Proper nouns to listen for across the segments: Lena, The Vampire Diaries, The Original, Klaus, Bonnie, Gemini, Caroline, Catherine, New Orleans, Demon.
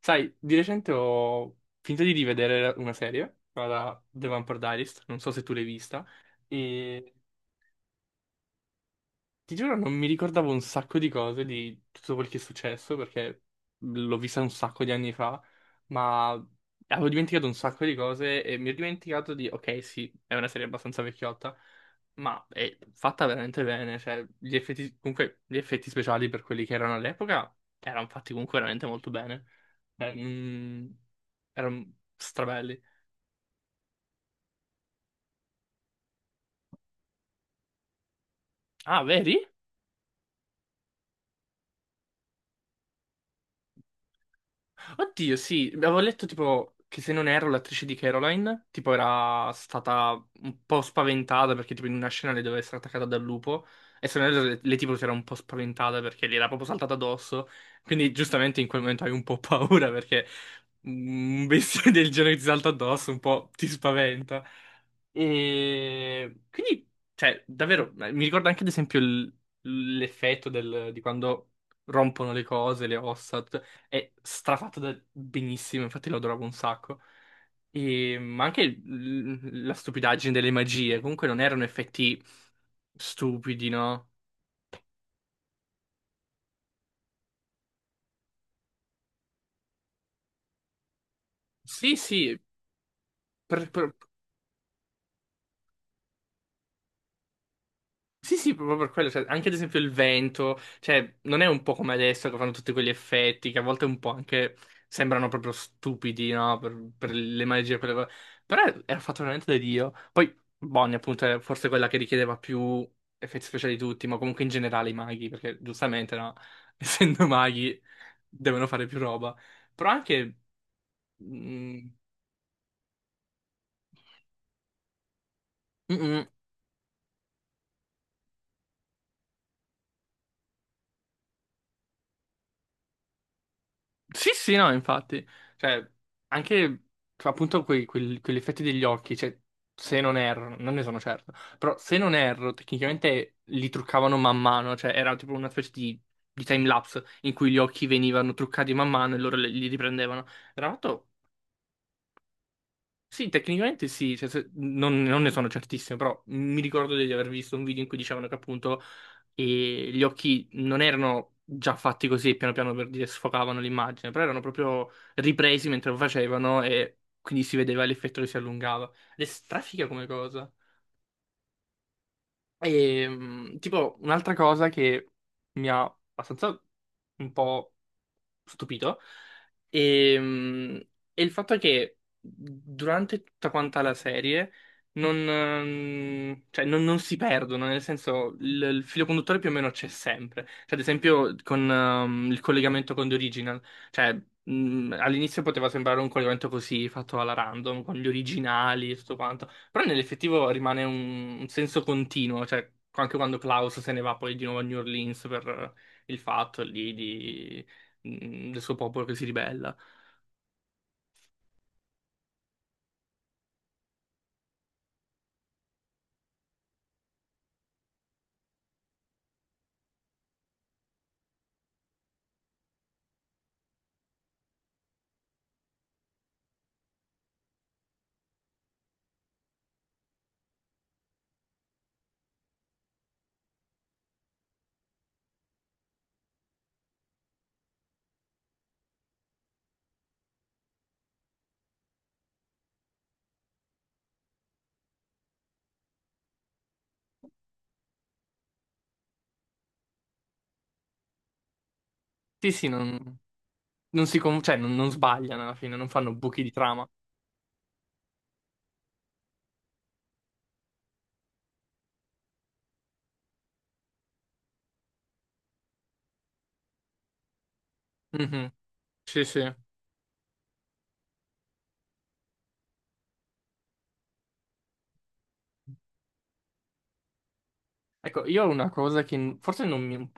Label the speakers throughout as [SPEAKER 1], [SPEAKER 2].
[SPEAKER 1] Sai, di recente ho finito di rivedere una serie, la The Vampire Diaries, non so se tu l'hai vista, e ti giuro, non mi ricordavo un sacco di cose di tutto quel che è successo perché l'ho vista un sacco di anni fa, ma avevo dimenticato un sacco di cose e mi ero dimenticato di, ok, sì, è una serie abbastanza vecchiotta, ma è fatta veramente bene, cioè gli effetti, comunque gli effetti speciali per quelli che erano all'epoca erano fatti comunque veramente molto bene, Eh, mm, erano strabelli. Ah, vedi? Oddio, sì, avevo letto tipo che se non ero l'attrice di Caroline, tipo era stata un po' spaventata perché tipo in una scena le doveva essere attaccata dal lupo e se non erro le tipo si era un po' spaventata perché le era proprio saltata addosso, quindi giustamente in quel momento hai un po' paura perché un bestiame del genere che ti salta addosso un po' ti spaventa. E quindi, cioè, davvero, mi ricorda anche ad esempio di quando rompono le cose, le ossa. È strafatto da benissimo, infatti lo adoravo un sacco. E, ma anche la stupidaggine delle magie, comunque non erano effetti stupidi, no? Sì, sì, per- per- Sì, sì, proprio per quello, cioè, anche ad esempio il vento, cioè, non è un po' come adesso che fanno tutti quegli effetti che a volte un po' anche sembrano proprio stupidi, no? Per le magie, quelle cose. Però era fatto veramente da Dio. Poi Bonnie, appunto, è forse quella che richiedeva più effetti speciali di tutti, ma comunque in generale i maghi, perché giustamente, no? Essendo maghi, devono fare più roba. Però anche... mm, mm, mm, Sì, sì, no, infatti. Cioè, anche appunto quegli effetti degli occhi, cioè, se non erro, non ne sono certo, però se non erro, tecnicamente li truccavano man mano, cioè era tipo una specie di time-lapse in cui gli occhi venivano truccati man mano e loro li riprendevano. Era fatto... Sì, tecnicamente sì, cioè, non ne sono certissimo, però mi ricordo di aver visto un video in cui dicevano che appunto gli occhi non erano già fatti così, piano piano per dire sfocavano l'immagine, però erano proprio ripresi mentre lo facevano e quindi si vedeva l'effetto che si allungava. Ed è strafiga come cosa. E tipo un'altra cosa che mi ha abbastanza un po' stupito. E, mm, e il fatto è che durante tutta quanta la serie non, cioè, non si perdono, nel senso il filo conduttore più o meno c'è sempre. Cioè, ad esempio con il collegamento con The Original, cioè all'inizio poteva sembrare un collegamento così fatto alla random, con gli originali e tutto quanto, però nell'effettivo rimane un senso continuo, cioè anche quando Klaus se ne va poi di nuovo a New Orleans per il fatto lì di del suo popolo che si ribella. Sì, sì, non, non si, con- cioè, non, non sbagliano alla fine, non fanno buchi di trama. Mhm. Sì, sì. Ecco, io ho una cosa che n- forse non mi-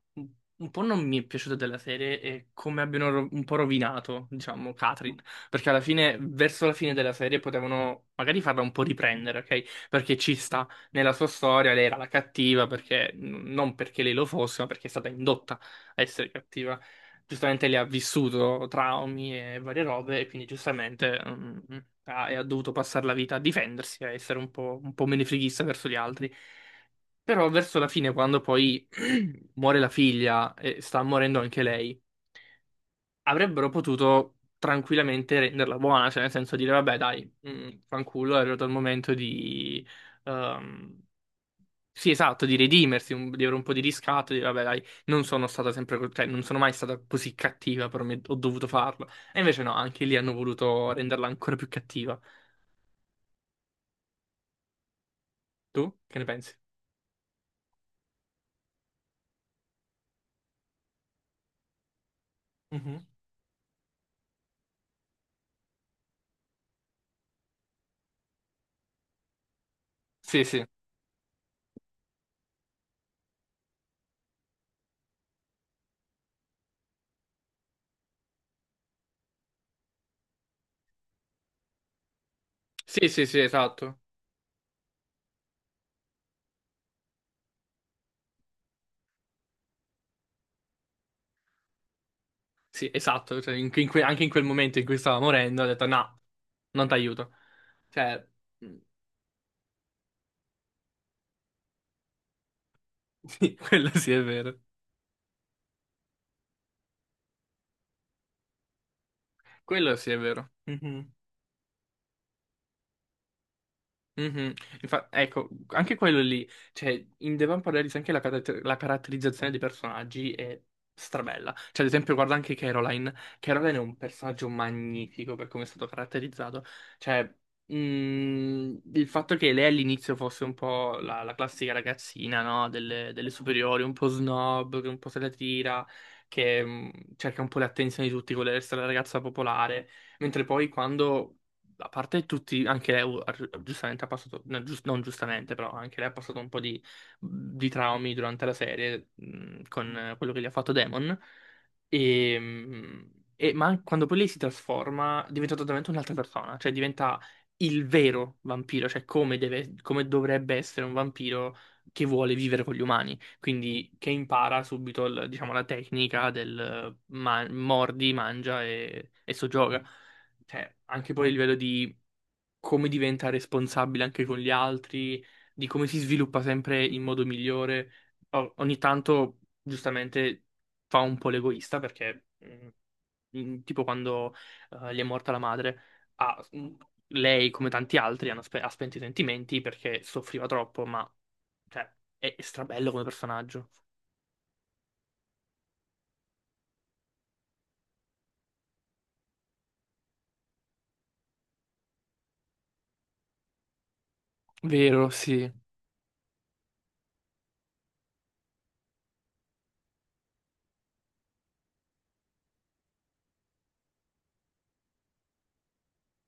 [SPEAKER 1] un po' non mi è piaciuta della serie è come abbiano un po' rovinato, diciamo, Catherine, perché alla fine, verso la fine della serie, potevano magari farla un po' riprendere, ok? Perché ci sta nella sua storia, lei era la cattiva, perché non perché lei lo fosse, ma perché è stata indotta a essere cattiva. Giustamente lei ha vissuto traumi e varie robe, e quindi giustamente e ha dovuto passare la vita a difendersi, a essere un po' menefreghista verso gli altri. Però verso la fine, quando poi muore la figlia e sta morendo anche lei, avrebbero potuto tranquillamente renderla buona, cioè nel senso dire, vabbè, dai, fanculo, è arrivato il momento di... ehm, Sì, esatto, di redimersi, di avere un po' di riscatto, di dire, vabbè, dai, non sono stata sempre, cioè, non sono mai stata così cattiva, però ho dovuto farlo. E invece no, anche lì hanno voluto renderla ancora più cattiva. Tu che ne pensi? Mhm. Sì, sì. Sì, sì, sì, esatto. Sì, esatto, cioè, anche in quel momento in cui stava morendo, ha detto no, non ti aiuto. Cioè, mm, sì, quello sì è vero. Quello sì è vero. Mhm. Mhm. Ecco, anche quello lì, cioè, in The Vampire Diaries anche la caratterizzazione dei personaggi è strabella. Cioè, ad esempio, guarda anche Caroline. Caroline è un personaggio magnifico per come è stato caratterizzato. Cioè, il fatto che lei all'inizio fosse un po' la classica ragazzina, no? Delle superiori, un po' snob, che un po' se la tira, che cerca un po' l'attenzione di tutti, vuole essere la ragazza popolare. Mentre poi quando a parte tutti, anche lei giustamente ha passato, no, non giustamente, però anche lei ha passato un po' di traumi durante la serie con quello che gli ha fatto Demon. E, quando poi lei si trasforma, diventa totalmente un'altra persona, cioè diventa il vero vampiro, cioè come dovrebbe essere un vampiro che vuole vivere con gli umani, quindi che impara subito, diciamo, la tecnica del mordi, mangia e soggioga cioè, anche poi a livello di come diventa responsabile anche con gli altri, di come si sviluppa sempre in modo migliore. Ogni tanto, giustamente, fa un po' l'egoista perché, tipo quando gli è morta la madre, ha- mm, lei, come tanti altri, ha spento i sentimenti perché soffriva troppo, ma cioè, è strabello come personaggio. Vero, sì.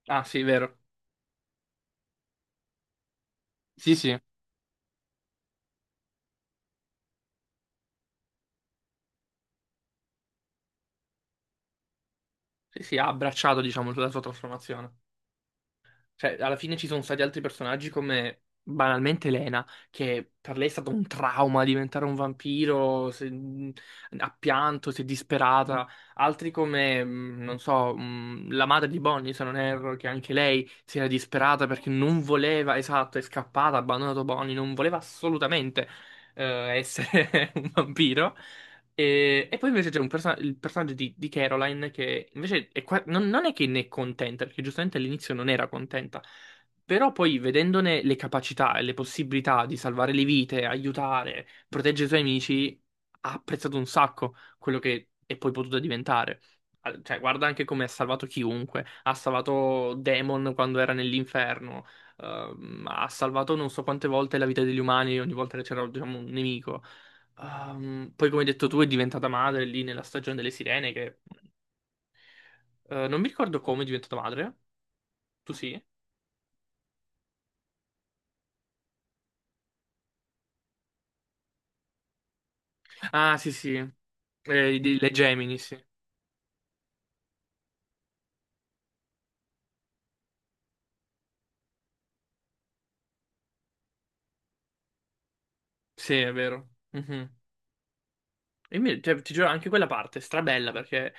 [SPEAKER 1] Ah, sì, vero. Sì, sì. Sì, sì, ha abbracciato, diciamo, la sua trasformazione. Cioè, alla fine ci sono stati altri personaggi come banalmente Lena, che per lei è stato un trauma diventare un vampiro, ha pianto, si è disperata. Altri come, non so, la madre di Bonnie, se non erro, che anche lei si era disperata perché non voleva, esatto, è scappata, ha abbandonato Bonnie, non voleva assolutamente essere un vampiro. E poi invece c'è il personaggio di Caroline che invece è non è che ne è contenta, perché giustamente all'inizio non era contenta, però poi vedendone le capacità e le possibilità di salvare le vite, aiutare, proteggere i suoi amici, ha apprezzato un sacco quello che è poi potuta diventare. Ah, cioè, guarda anche come ha salvato chiunque, ha salvato Demon quando era nell'inferno, ha salvato non so quante volte la vita degli umani ogni volta che c'era, diciamo, un nemico. Poi, come hai detto tu, è diventata madre lì nella stagione delle sirene, che non mi ricordo come è diventata madre. Tu sì? Ah, sì, sì. Le Gemini, sì. Sì, è vero. Mhm. Cioè, ti giuro, anche quella parte è strabella perché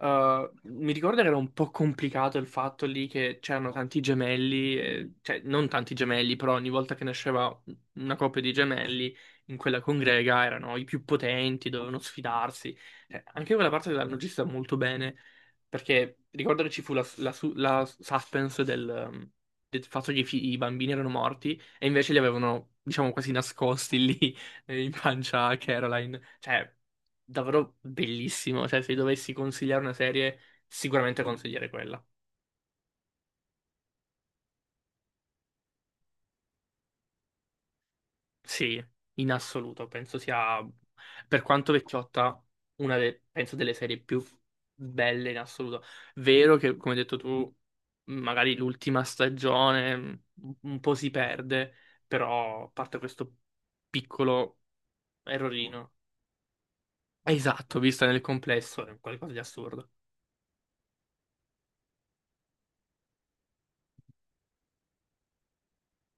[SPEAKER 1] mi ricordo che era un po' complicato il fatto lì che c'erano tanti gemelli, cioè non tanti gemelli, però ogni volta che nasceva una coppia di gemelli in quella congrega erano i più potenti, dovevano sfidarsi. Anche quella parte l'hanno gestita molto bene perché ricordo che ci fu la suspense del, del fatto che i bambini erano morti e invece li avevano, diciamo, quasi nascosti lì in pancia a Caroline. Cioè davvero bellissimo. Cioè, se dovessi consigliare una serie, sicuramente consiglierei quella. Sì, in assoluto. Penso sia, per quanto vecchiotta, penso delle serie più belle in assoluto. Vero che, come hai detto tu, magari l'ultima stagione un po' si perde, però a parte questo piccolo errorino. Esatto, vista nel complesso, è qualcosa di assurdo.